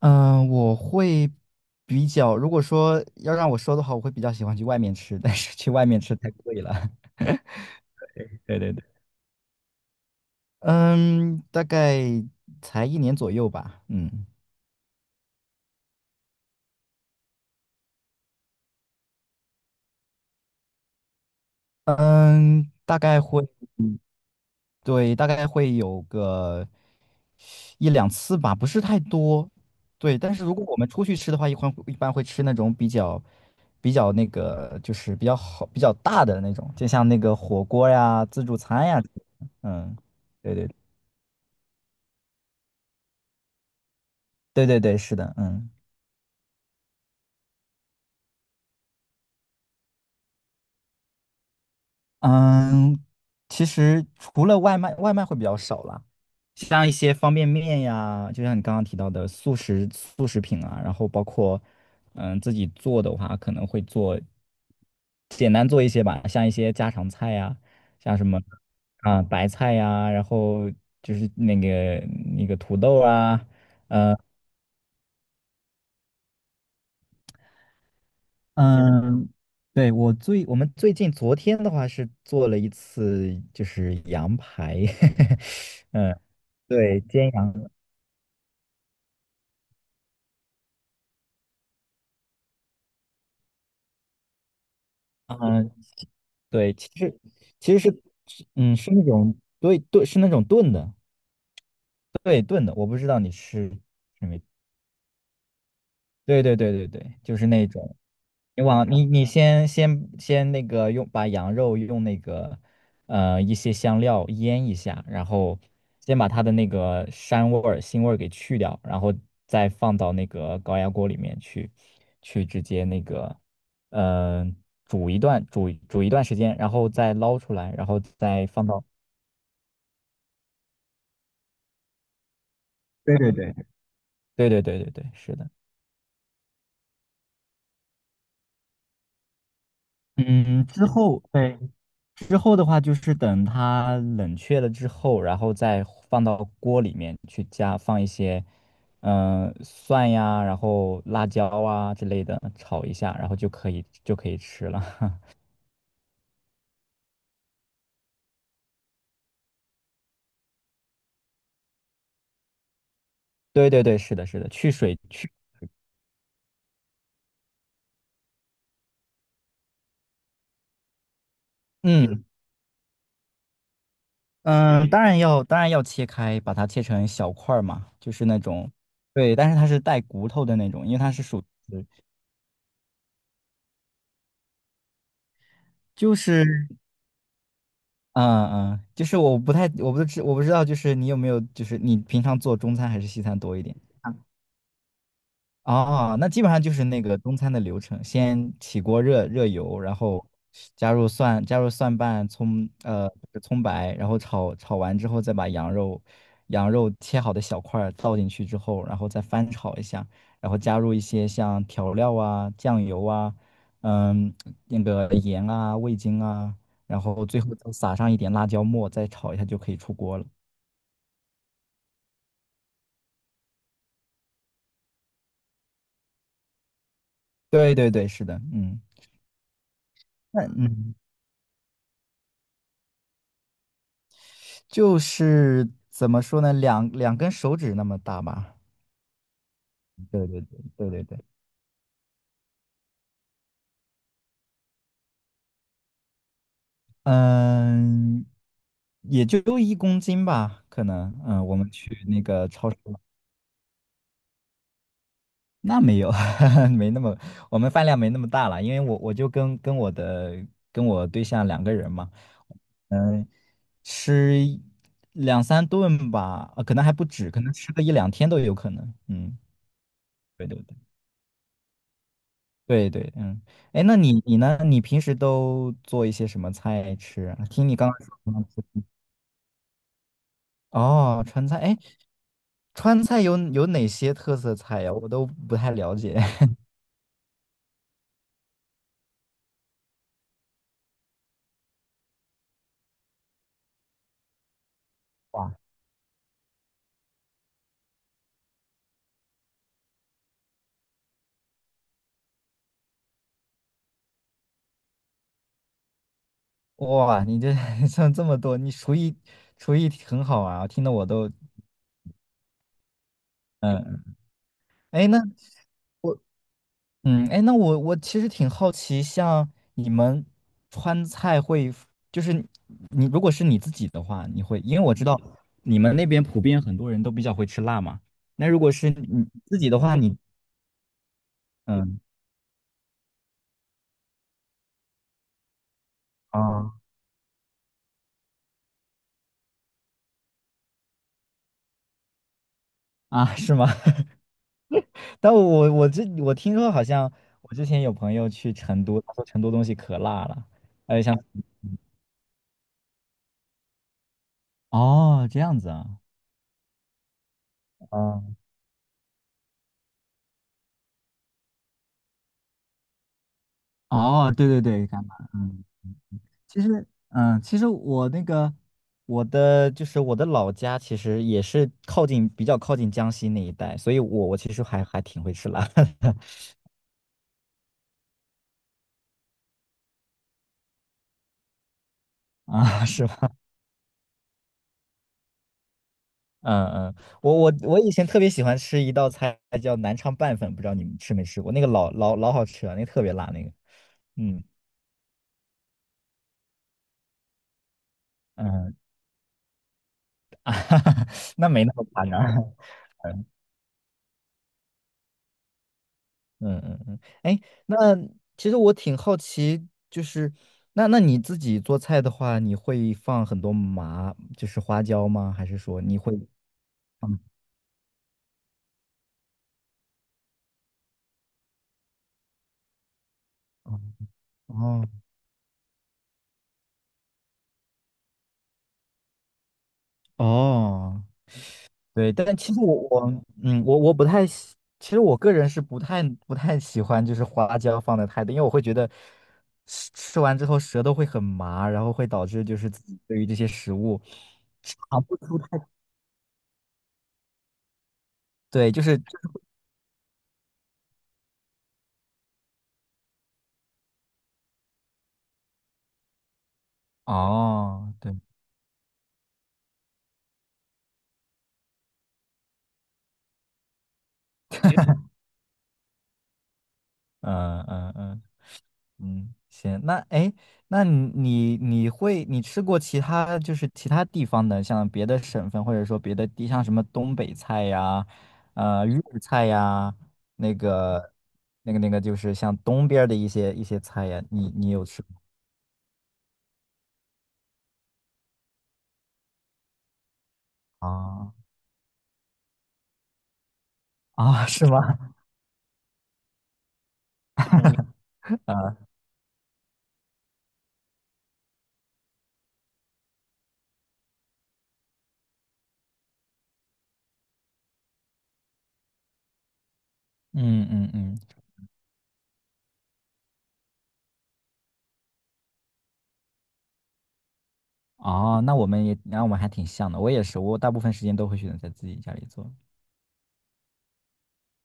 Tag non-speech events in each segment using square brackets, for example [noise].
嗯，我会如果说要让我说的话，我会比较喜欢去外面吃，但是去外面吃太贵了。[laughs] 对对对。嗯，大概才1年左右吧。嗯嗯，大概嗯对，大概会有个一两次吧，不是太多。对，但是如果我们出去吃的话，一般会吃那种比较比较那个，就是比较好、比较大的那种，就像那个火锅呀、自助餐呀。嗯，对对对对对，是的。嗯嗯，其实除了外卖，外卖会比较少啦，像一些方便面呀，就像你刚刚提到的速食品啊，然后包括自己做的话，可能简单做一些吧，像一些家常菜呀，像什么啊白菜呀，然后就是那个土豆啊。嗯，对，我们最近昨天的话是做了一次就是羊排。[laughs] 嗯，对，煎羊。嗯，对，其实是是那种，对，炖，是那种炖的，对，炖的，我不知道你是是没，对对对对对，就是那种。你往你先用把羊肉用一些香料腌一下，然后先把它的那个膻味儿、腥味儿给去掉，然后再放到那个高压锅里面去，去直接呃煮一段时间，然后再捞出来，然后再放到。对对对。对对对对对，是的。嗯，之后，对。之后的话，就是等它冷却了之后，然后再放到锅里面去加放一些，嗯、蒜呀，然后辣椒啊之类的炒一下，然后就可以吃了。[laughs] 对对对，是的，是的。去水，去。嗯嗯，当然要切开，把它切成小块儿嘛，就是那种。对，但是它是带骨头的那种，因为它是属，就是嗯，就是我不知道，就是你有没有，就是你平常做中餐还是西餐多一点？啊，那基本上就是那个中餐的流程，先起锅热热油，然后加入蒜，加入蒜瓣、葱，就是葱白，然后炒完之后，再把羊肉切好的小块儿倒进去之后，然后再翻炒一下，然后加入一些像调料啊、酱油啊，嗯，盐啊、味精啊，然后最后再撒上一点辣椒末，再炒一下就可以出锅了。对对对，是的。嗯，那嗯。就是怎么说呢，2根手指那么大吧。对对对对对对。嗯，也就1公斤吧，可能。嗯，我们去那个超市。那没有。[laughs] 没那么，我们饭量没那么大了，因为我就跟我对象2个人嘛。嗯，吃一两三顿吧，可能还不止，可能吃个一两天都有可能。嗯，对对对。对对。嗯，哎，那你呢？你平时都做一些什么菜吃啊？听你刚刚说你吃。哦，川菜。哎，川菜有哪些特色菜呀？我都不太了解。[laughs] 哇哇，你这 [laughs] 像这么多，你厨艺很好啊，听得我都。嗯，哎，那我。哎，那我其实挺好奇，像你们川菜会，就是你如果是你自己的话，你会，因为我知道你们那边普遍很多人都比较会吃辣嘛。那如果是你自己的话，你。嗯啊啊，是吗？[laughs] 但我听说好像我之前有朋友去成都，他说成都东西可辣了。还有像。哦，这样子啊。嗯哦，对对对，干嘛？嗯。其实，我我的就是我的老家，其实也是比较靠近江西那一带，所以我其实还挺会吃辣的 [laughs] 啊，是吧？[laughs] 嗯嗯，我以前特别喜欢吃一道菜叫南昌拌粉，不知道你们吃没吃过？那个老老老好吃了，那个特别辣那个。嗯嗯，[laughs] 那没那么夸张。[laughs] 嗯，哎，那其实我挺好奇，就是那，那你自己做菜的话，你会放很多麻，就是花椒吗？还是说你会放？哦哦哦，对，但其实我我嗯我我不太喜，其实我个人是不太喜欢就是花椒放的太多，因为我会觉得吃完之后舌头会很麻，然后会导致就是自己对于这些食物尝不出太，对，就是。哦，对。嗯嗯嗯行。那，哎，诶，那你吃过其他其他地方的，像别的省份或者说别的地，像什么东北菜呀，粤菜呀，那个就是像东边儿的一些菜呀，你有吃过啊 [laughs] 啊，是吗？[laughs] 嗯嗯嗯，哦，那我们也，那我们还挺像的。我也是，我大部分时间都会选择在自己家里做。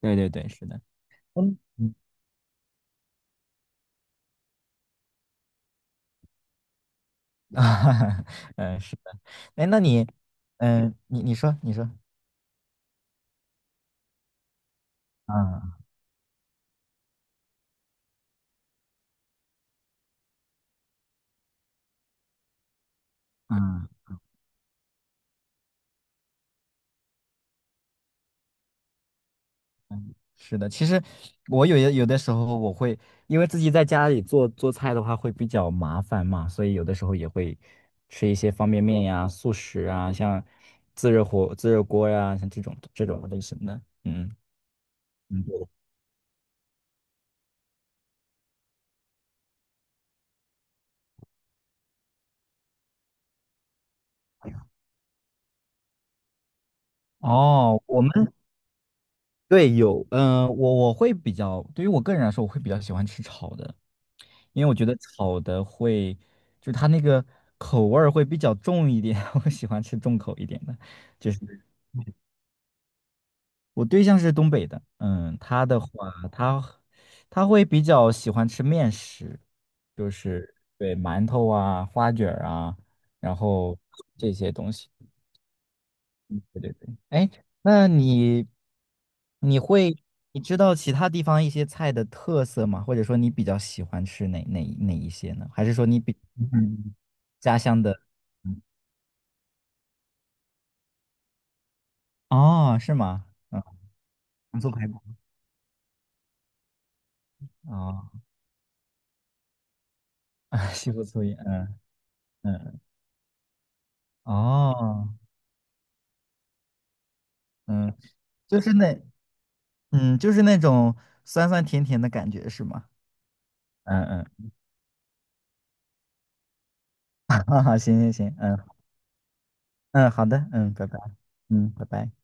对对对，是的。嗯嗯 [laughs] 啊，哈。是的。哎，那你。你说，你说。嗯嗯，是的，其实我有的时候我会，因为自己在家里做做菜的话会比较麻烦嘛，所以有的时候也会吃一些方便面呀、速食啊，像自热火、自热锅呀，像这种类型的。嗯对的。哦，对，有。嗯、我我会比较，对于我个人来说，我会比较喜欢吃炒的，因为我觉得炒的会，就是它那个口味儿会比较重一点，[laughs] 我喜欢吃重口一点的。就是我对象是东北的。嗯，他的话，他他会比较喜欢吃面食，就是对馒头啊、花卷儿啊，然后这些东西。对对对。哎，那你会你知道其他地方一些菜的特色吗？或者说你比较喜欢吃哪一些呢？还是说你比嗯，家乡的？嗯哦，是吗？嗯，糖醋排骨。哦，[laughs] 啊西湖醋鱼。嗯嗯，哦。嗯，就是那，嗯，就是那种酸酸甜甜的感觉，是吗？嗯嗯，[laughs] 哈哈，行行行。嗯嗯，好的。嗯，拜拜。拜拜。